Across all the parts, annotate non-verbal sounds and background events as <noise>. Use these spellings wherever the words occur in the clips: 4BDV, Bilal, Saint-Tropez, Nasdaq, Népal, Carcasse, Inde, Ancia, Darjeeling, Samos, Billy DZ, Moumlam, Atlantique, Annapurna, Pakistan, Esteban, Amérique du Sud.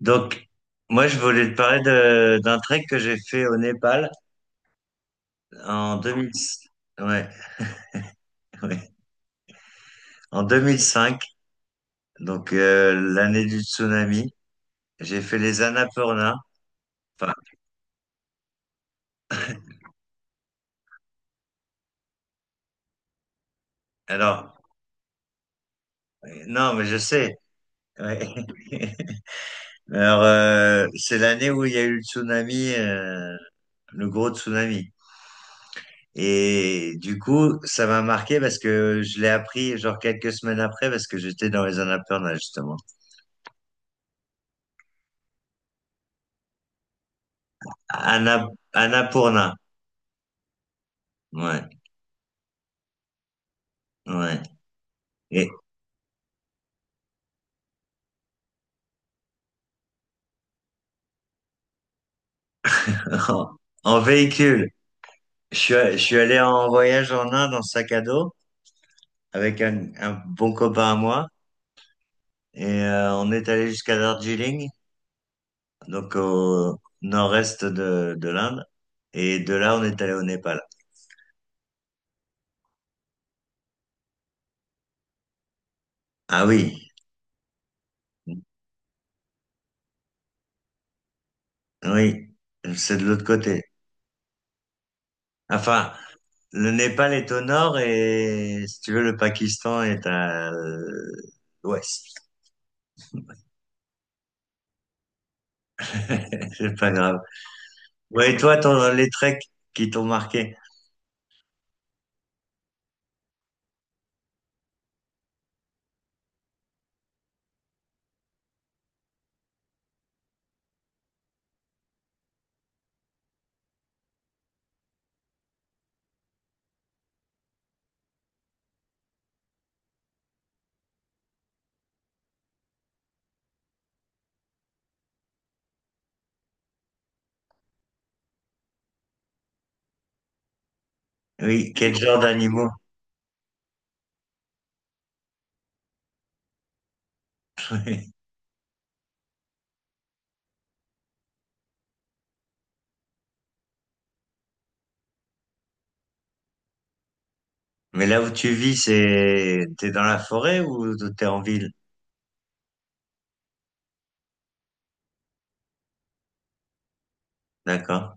Donc, moi, je voulais te parler d'un trek que j'ai fait au Népal en 2000, ouais, <laughs> ouais, en 2005 donc l'année du tsunami. J'ai fait les Annapurna. Enfin, alors, non, mais je sais. Ouais. <laughs> Alors, c'est l'année où il y a eu le tsunami, le gros tsunami. Et du coup, ça m'a marqué parce que je l'ai appris genre quelques semaines après parce que j'étais dans les Annapurna, justement. Anna, Annapurna. Ouais. Ouais. Et <laughs> en, en véhicule, je suis allé en voyage en Inde en sac à dos avec un bon copain à moi et on est allé jusqu'à Darjeeling, donc au nord-est de l'Inde. Et de là, on est allé au Népal. Ah oui, oui, c'est de l'autre côté. Enfin, le Népal est au nord et si tu veux, le Pakistan est à l'ouest. <laughs> C'est pas grave. Ouais, et toi, ton, les treks qui t'ont marqué? Oui, quel genre d'animaux? <laughs> Mais là où tu vis, c'est t'es dans la forêt ou t'es en ville? D'accord.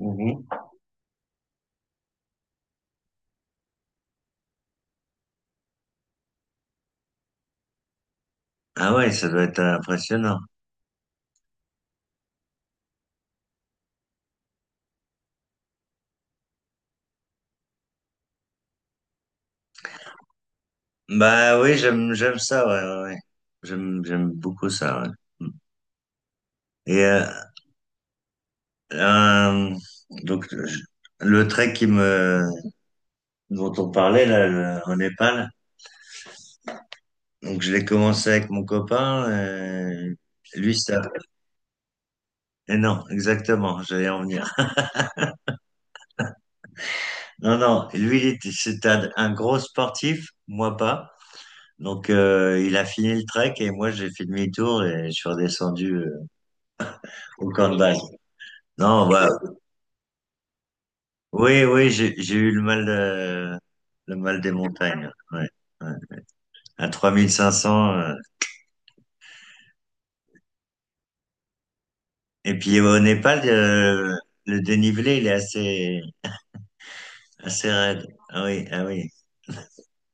Mhm. Ah ouais, ça doit être impressionnant. Bah oui, j'aime ça, ouais, ouais. Ouais. J'aime beaucoup ça. Ouais. Et euh, donc je- le trek qui me dont on parlait là au Népal, donc je l'ai commencé avec mon copain. Lui ça. Et non, exactement. J'allais en venir. Non, non, lui, c'était un gros sportif, moi pas. Donc, il a fini le trek et moi, j'ai fait demi-tour et je suis redescendu au camp de base. Non, bah, oui, oui, j'ai eu le mal des montagnes. Ouais, ouais. À 3500. Et puis, au Népal, le dénivelé, il est assez, assez raide. Ah oui, ah oui,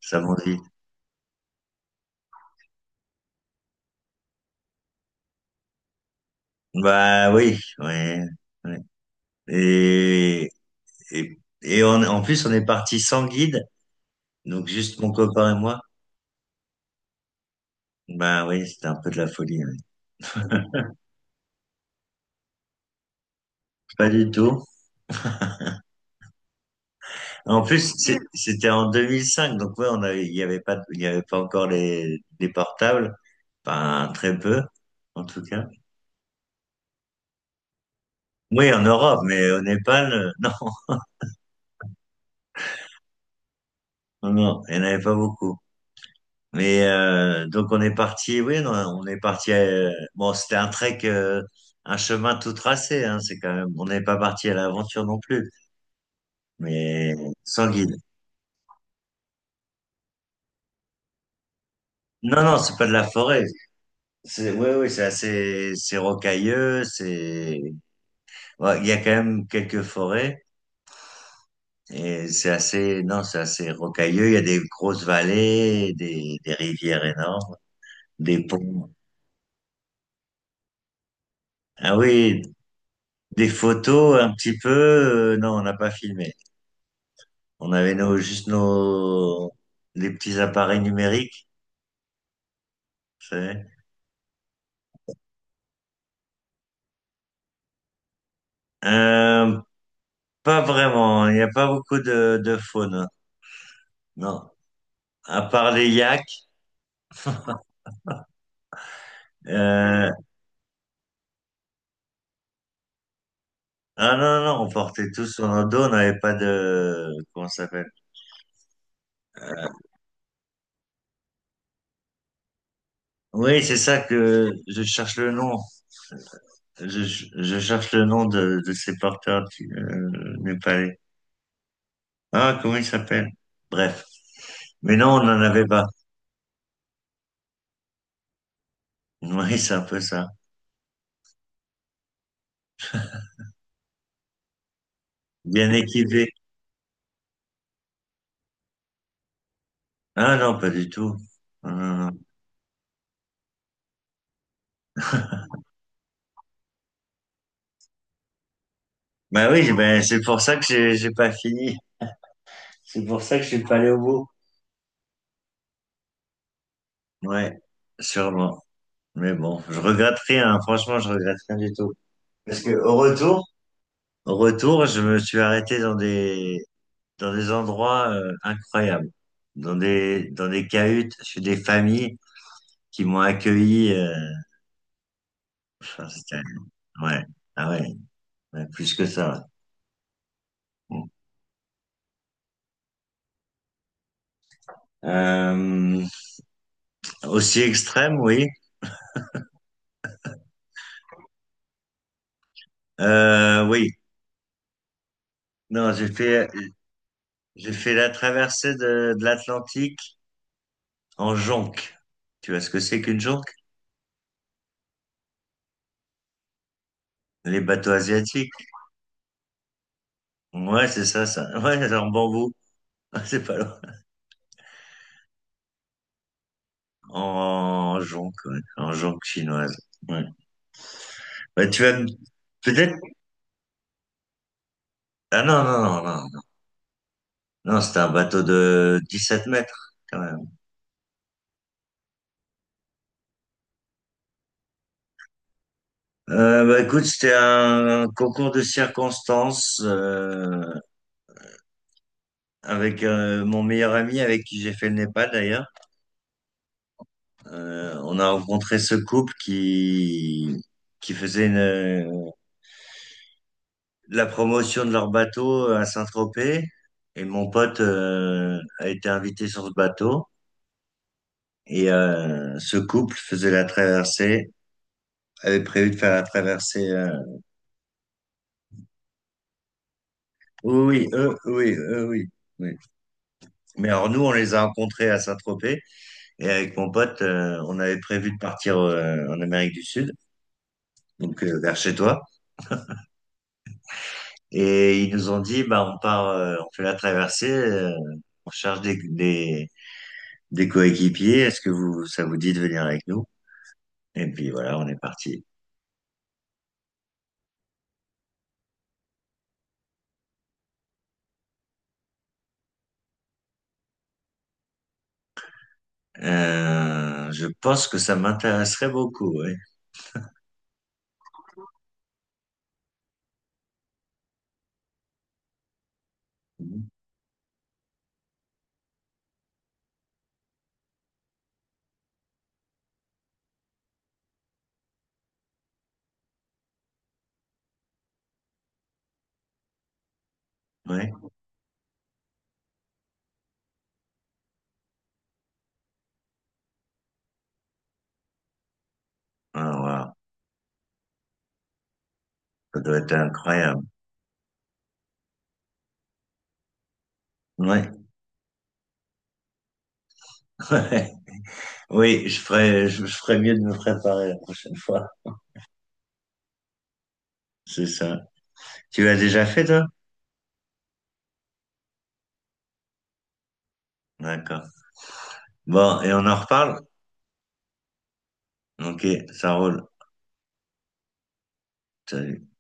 ça monte vite. Bah oui, ouais, ouais. Et, et, en plus, on est parti sans guide. Donc juste mon copain et moi. Bah oui, c'était un peu de la folie. Ouais. Pas du tout. En plus, c'était en 2005, donc ouais, on avait, il y avait pas, il y avait pas encore les portables, enfin très peu, en tout cas. Oui, en Europe, mais au Népal, <laughs> non, non, non, il n'y en avait pas beaucoup. Mais donc on est parti, oui, non, on est parti. Bon, c'était un trek, un chemin tout tracé. Hein, c'est quand même, on n'est pas parti à l'aventure non plus, mais sans guide. Non, non, c'est pas de la forêt. C'est, oui ouais, c'est assez, c'est rocailleux, c'est, ouais, il y a quand même quelques forêts, et c'est assez, non, c'est assez rocailleux, il y a des grosses vallées, des rivières énormes, des ponts. Ah oui, des photos un petit peu, non, on n'a pas filmé. On avait nos, juste nos, les petits appareils numériques, vous savez. Euh, pas vraiment, il n'y a pas beaucoup de faune, non. À part les yaks, euh, Ah non, non, non, on portait tout sur nos dos, on n'avait pas de... Comment ça s'appelle? Oui, c'est ça que je cherche le nom. Je, je cherche le nom de ces porteurs népalais. Ah, comment ils s'appellent? Bref. Mais non, on n'en avait pas. <laughs> Oui, c'est un peu ça. Bien équipé. Ah non, pas du tout. Non, non, non. Bah oui, ben, c'est pour ça que j'ai pas fini. C'est pour ça que je suis pas allé au bout. Ouais, sûrement. Mais bon, je regrette rien, hein. Franchement, je regrette rien du tout. Parce que au retour, Retour, je me suis arrêté dans des endroits incroyables, dans des cahutes, chez des familles qui m'ont accueilli. Enfin, c'était- ouais, ah ouais, ouais, plus que ça. Ouais. Bon. Euh, aussi extrême, oui. Oui, non, j'ai fait la traversée de l'Atlantique en jonque. Tu vois ce que c'est qu'une jonque? Les bateaux asiatiques. Ouais, c'est ça, ça. <laughs> Ouais, en bambou. <laughs> C'est pas loin. En jonque, ouais. En jonque chinoise. Ouais. Bah, tu vas me- peut-être. Ah non, non, non, non. Non, Non, c'était un bateau de 17 mètres, quand même. Bah, écoute, c'était un concours de circonstances avec mon meilleur ami avec qui j'ai fait le Népal d'ailleurs. On a rencontré ce couple qui la promotion de leur bateau à Saint-Tropez et mon pote a été invité sur ce bateau. Et ce couple faisait la traversée, avait prévu de faire la traversée. Oui, oui, eux, oui, eux, oui, oui. Mais alors nous, on les a rencontrés à Saint-Tropez et avec mon pote, on avait prévu de partir en Amérique du Sud, donc vers chez toi. Et ils nous ont dit, bah on part, on fait la traversée, on cherche des coéquipiers. Est-ce que vous, ça vous dit de venir avec nous? Et puis voilà, on est parti. Je pense que ça m'intéresserait beaucoup, oui. Ah, waouh, ça doit être incroyable. Ouais. <laughs> Ouais. Oui, je ferais mieux de me préparer la prochaine fois. C'est ça. Tu l'as déjà fait, toi? D'accord. Bon, et on en reparle? Ok, ça roule. Salut.